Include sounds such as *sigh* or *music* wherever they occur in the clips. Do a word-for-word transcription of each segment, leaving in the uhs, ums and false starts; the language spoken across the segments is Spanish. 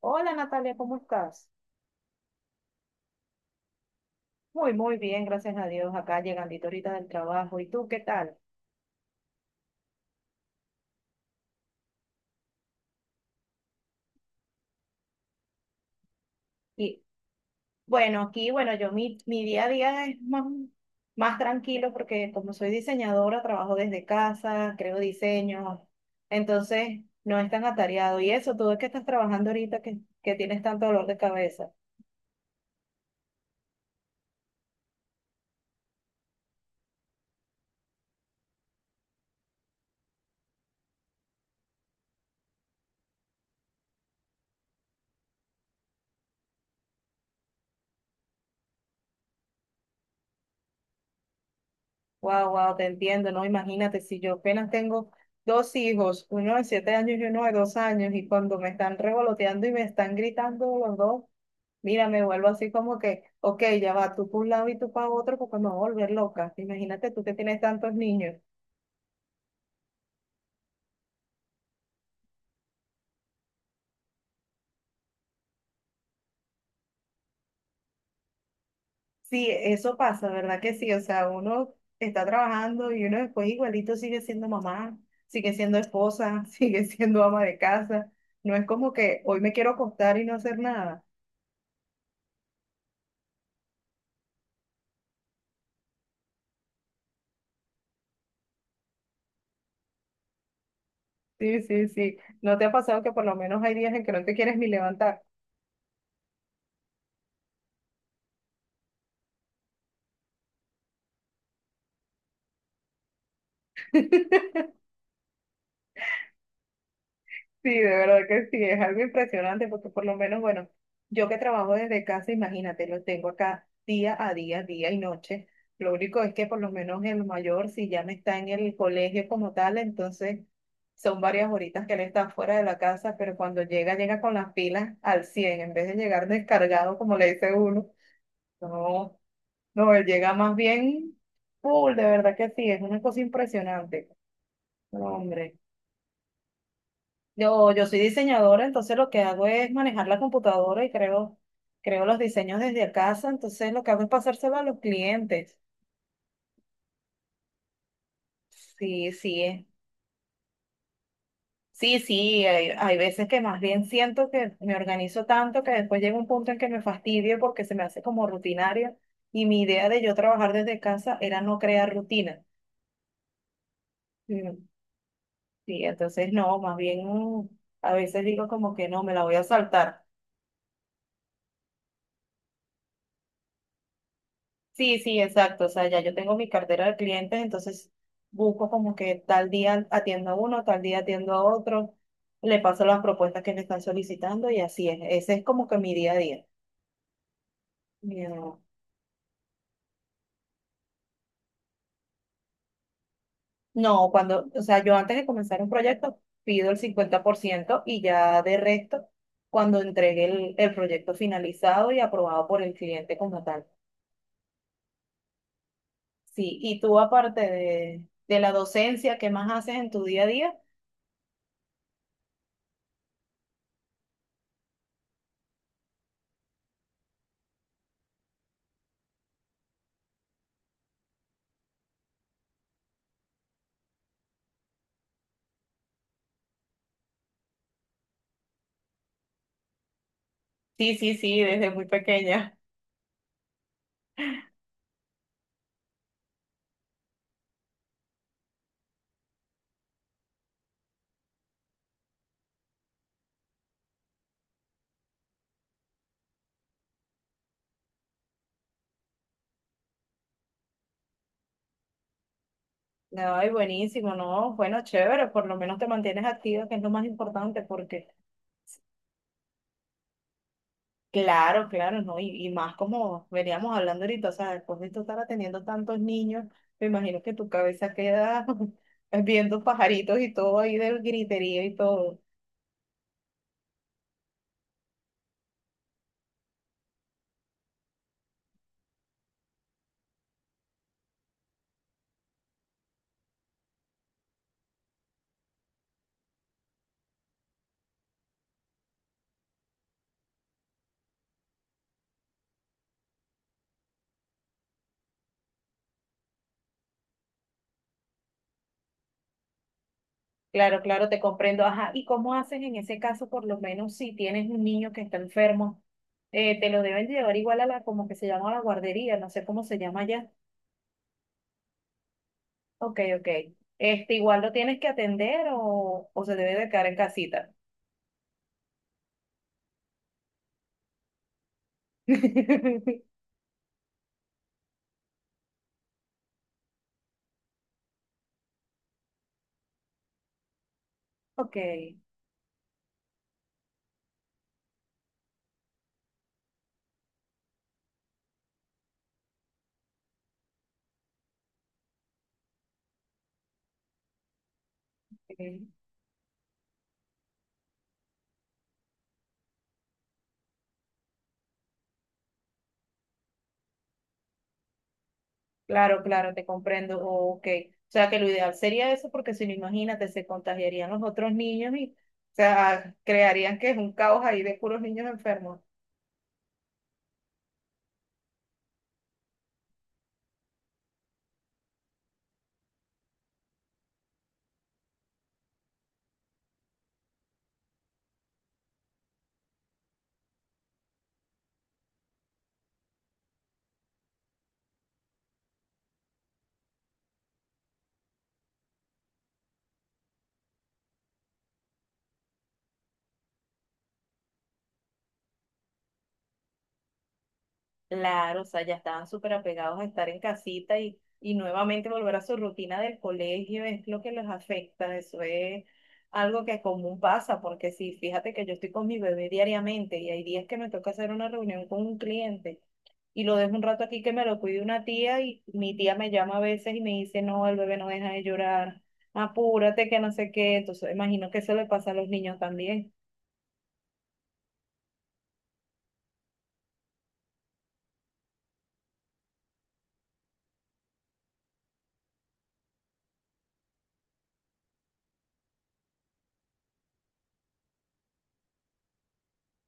Hola Natalia, ¿cómo estás? Muy, muy bien, gracias a Dios. Acá llegandito ahorita del trabajo. ¿Y tú qué tal? Y bueno, aquí, bueno, yo mi, mi día a día es más, más tranquilo porque como soy diseñadora, trabajo desde casa, creo diseños, entonces no es tan atareado. Y eso, tú es que estás trabajando ahorita que, que tienes tanto dolor de cabeza. Wow, wow, te entiendo, ¿no? Imagínate, si yo apenas tengo dos hijos, uno de siete años y uno de dos años, y cuando me están revoloteando y me están gritando los dos. Mira, me vuelvo así como que, ok, ya va, tú por un lado y tú para otro, porque me voy a volver loca. Imagínate tú que tienes tantos niños. Sí, eso pasa, ¿verdad que sí? O sea, uno está trabajando y uno después igualito sigue siendo mamá, sigue siendo esposa, *laughs* sigue siendo ama de casa. No es como que hoy me quiero acostar y no hacer nada. Sí, sí, sí. ¿No te ha pasado que por lo menos hay días en que no te quieres ni levantar? Sí, de verdad que sí, es algo impresionante porque por lo menos, bueno, yo que trabajo desde casa, imagínate, lo tengo acá día a día, día y noche. Lo único es que por lo menos el mayor, si ya no está en el colegio como tal, entonces son varias horitas que él está fuera de la casa, pero cuando llega, llega con las pilas al cien en vez de llegar descargado, como le dice uno. No, no, él llega más bien full, de verdad que sí, es una cosa impresionante. No, hombre. Yo, yo soy diseñadora, entonces lo que hago es manejar la computadora y creo, creo los diseños desde casa, entonces lo que hago es pasárselo a los clientes. Sí, sí, eh, sí, sí, hay, hay veces que más bien siento que me organizo tanto que después llega un punto en que me fastidio porque se me hace como rutinario y mi idea de yo trabajar desde casa era no crear rutina. Mm. Sí, entonces no, más bien mm, a veces digo como que no, me la voy a saltar. Sí, sí, exacto. O sea, ya yo tengo mi cartera de clientes, entonces busco como que tal día atiendo a uno, tal día atiendo a otro, le paso las propuestas que me están solicitando y así es. Ese es como que mi día a día. no No, cuando, o sea, yo antes de comenzar un proyecto pido el cincuenta por ciento y ya de resto cuando entregue el, el proyecto finalizado y aprobado por el cliente como tal. Sí, y tú aparte de, de la docencia, ¿qué más haces en tu día a día? Sí, sí, sí, desde muy pequeña. No, y buenísimo, no, bueno, chévere, por lo menos te mantienes activa, que es lo más importante, porque claro, claro, ¿no? Y, y más como veníamos hablando ahorita, o sea, después de tú estar atendiendo tantos niños, me imagino que tu cabeza queda *laughs* viendo pajaritos y todo ahí del griterío y todo. Claro, claro, te comprendo. Ajá, ¿y cómo haces en ese caso, por lo menos si tienes un niño que está enfermo? Eh, te lo deben llevar igual a la, como que se llama la guardería, no sé cómo se llama allá. Ok, ok. Este, igual lo tienes que atender o, o se debe de quedar en casita. *laughs* Ok, ok. Claro, claro, te comprendo. Oh, ok. O sea que lo ideal sería eso porque si no, imagínate, se contagiarían los otros niños y, o sea, crearían que es un caos ahí de puros niños enfermos. Claro, o sea, ya estaban súper apegados a estar en casita y, y nuevamente volver a su rutina del colegio es lo que les afecta. Eso es algo que común pasa, porque sí, fíjate que yo estoy con mi bebé diariamente y hay días que me toca hacer una reunión con un cliente y lo dejo un rato aquí que me lo cuide una tía y mi tía me llama a veces y me dice, no, el bebé no deja de llorar, apúrate que no sé qué. Entonces, imagino que eso le pasa a los niños también.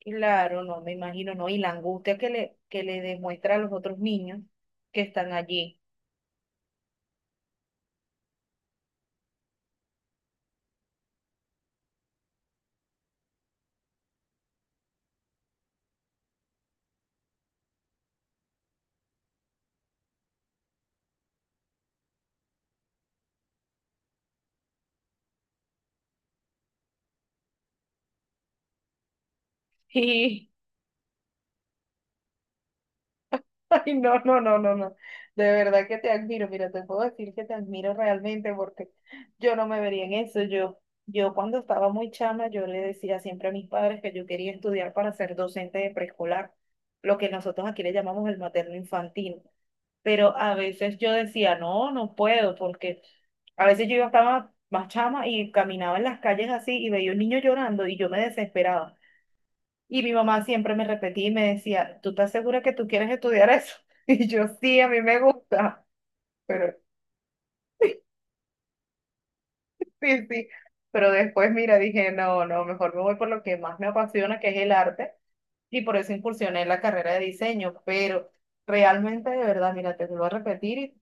Claro, no, me imagino, no, y la angustia que le, que le demuestra a los otros niños que están allí. *laughs* Y, Ay, no, no, no, no, no, de verdad que te admiro, mira, te puedo decir que te admiro realmente porque yo no me vería en eso, yo, yo cuando estaba muy chama, yo le decía siempre a mis padres que yo quería estudiar para ser docente de preescolar, lo que nosotros aquí le llamamos el materno infantil. Pero a veces yo decía, no, no puedo, porque a veces yo estaba más chama y caminaba en las calles así y veía un niño llorando y yo me desesperaba. Y mi mamá siempre me repetía y me decía, ¿tú estás segura que tú quieres estudiar eso? *laughs* Y yo, sí, a mí me gusta, pero sí, sí. Pero después, mira, dije, no, no, mejor me voy por lo que más me apasiona, que es el arte, y por eso incursioné en la carrera de diseño, pero realmente, de verdad, mira, te lo vuelvo a repetir,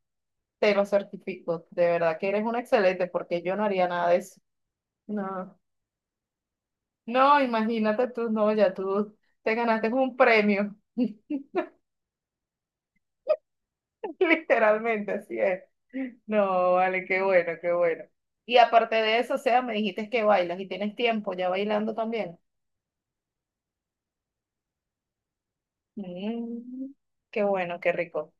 te lo certifico, de verdad que eres un excelente porque yo no haría nada de eso. No, no, imagínate tú, no, ya tú te ganaste un premio, *laughs* literalmente, así es. No, vale, qué bueno, qué bueno. Y aparte de eso, o sea, me dijiste que bailas y tienes tiempo ya bailando también. Mm, qué bueno, qué rico,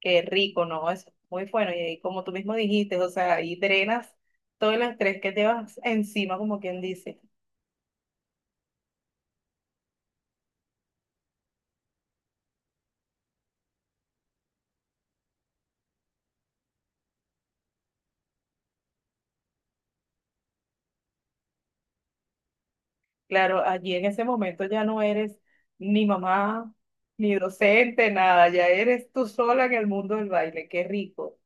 qué rico, no, es muy bueno. Y ahí, como tú mismo dijiste, o sea, ahí drenas todo el estrés que te vas encima, como quien dice. Claro, allí en ese momento ya no eres ni mamá, ni docente, nada, ya eres tú sola en el mundo del baile, qué rico.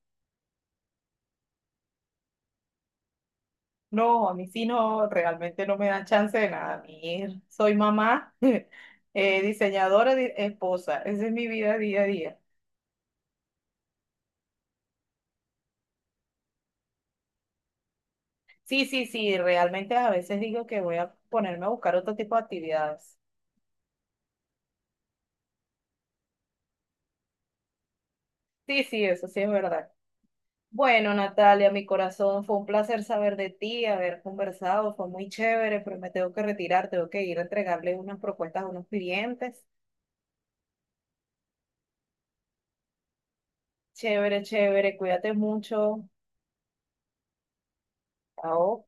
No, a mí sí no, realmente no me dan chance de nada. A mí es- soy mamá, *laughs* eh, diseñadora, di- esposa, esa es mi vida día a día. Sí, sí, sí, realmente a veces digo que voy a ponerme a buscar otro tipo de actividades. Sí, sí, eso sí es verdad. Bueno, Natalia, mi corazón, fue un placer saber de ti, haber conversado, fue muy chévere, pero me tengo que retirar, tengo que ir a entregarle unas propuestas a unos clientes. Chévere, chévere, cuídate mucho. Chao.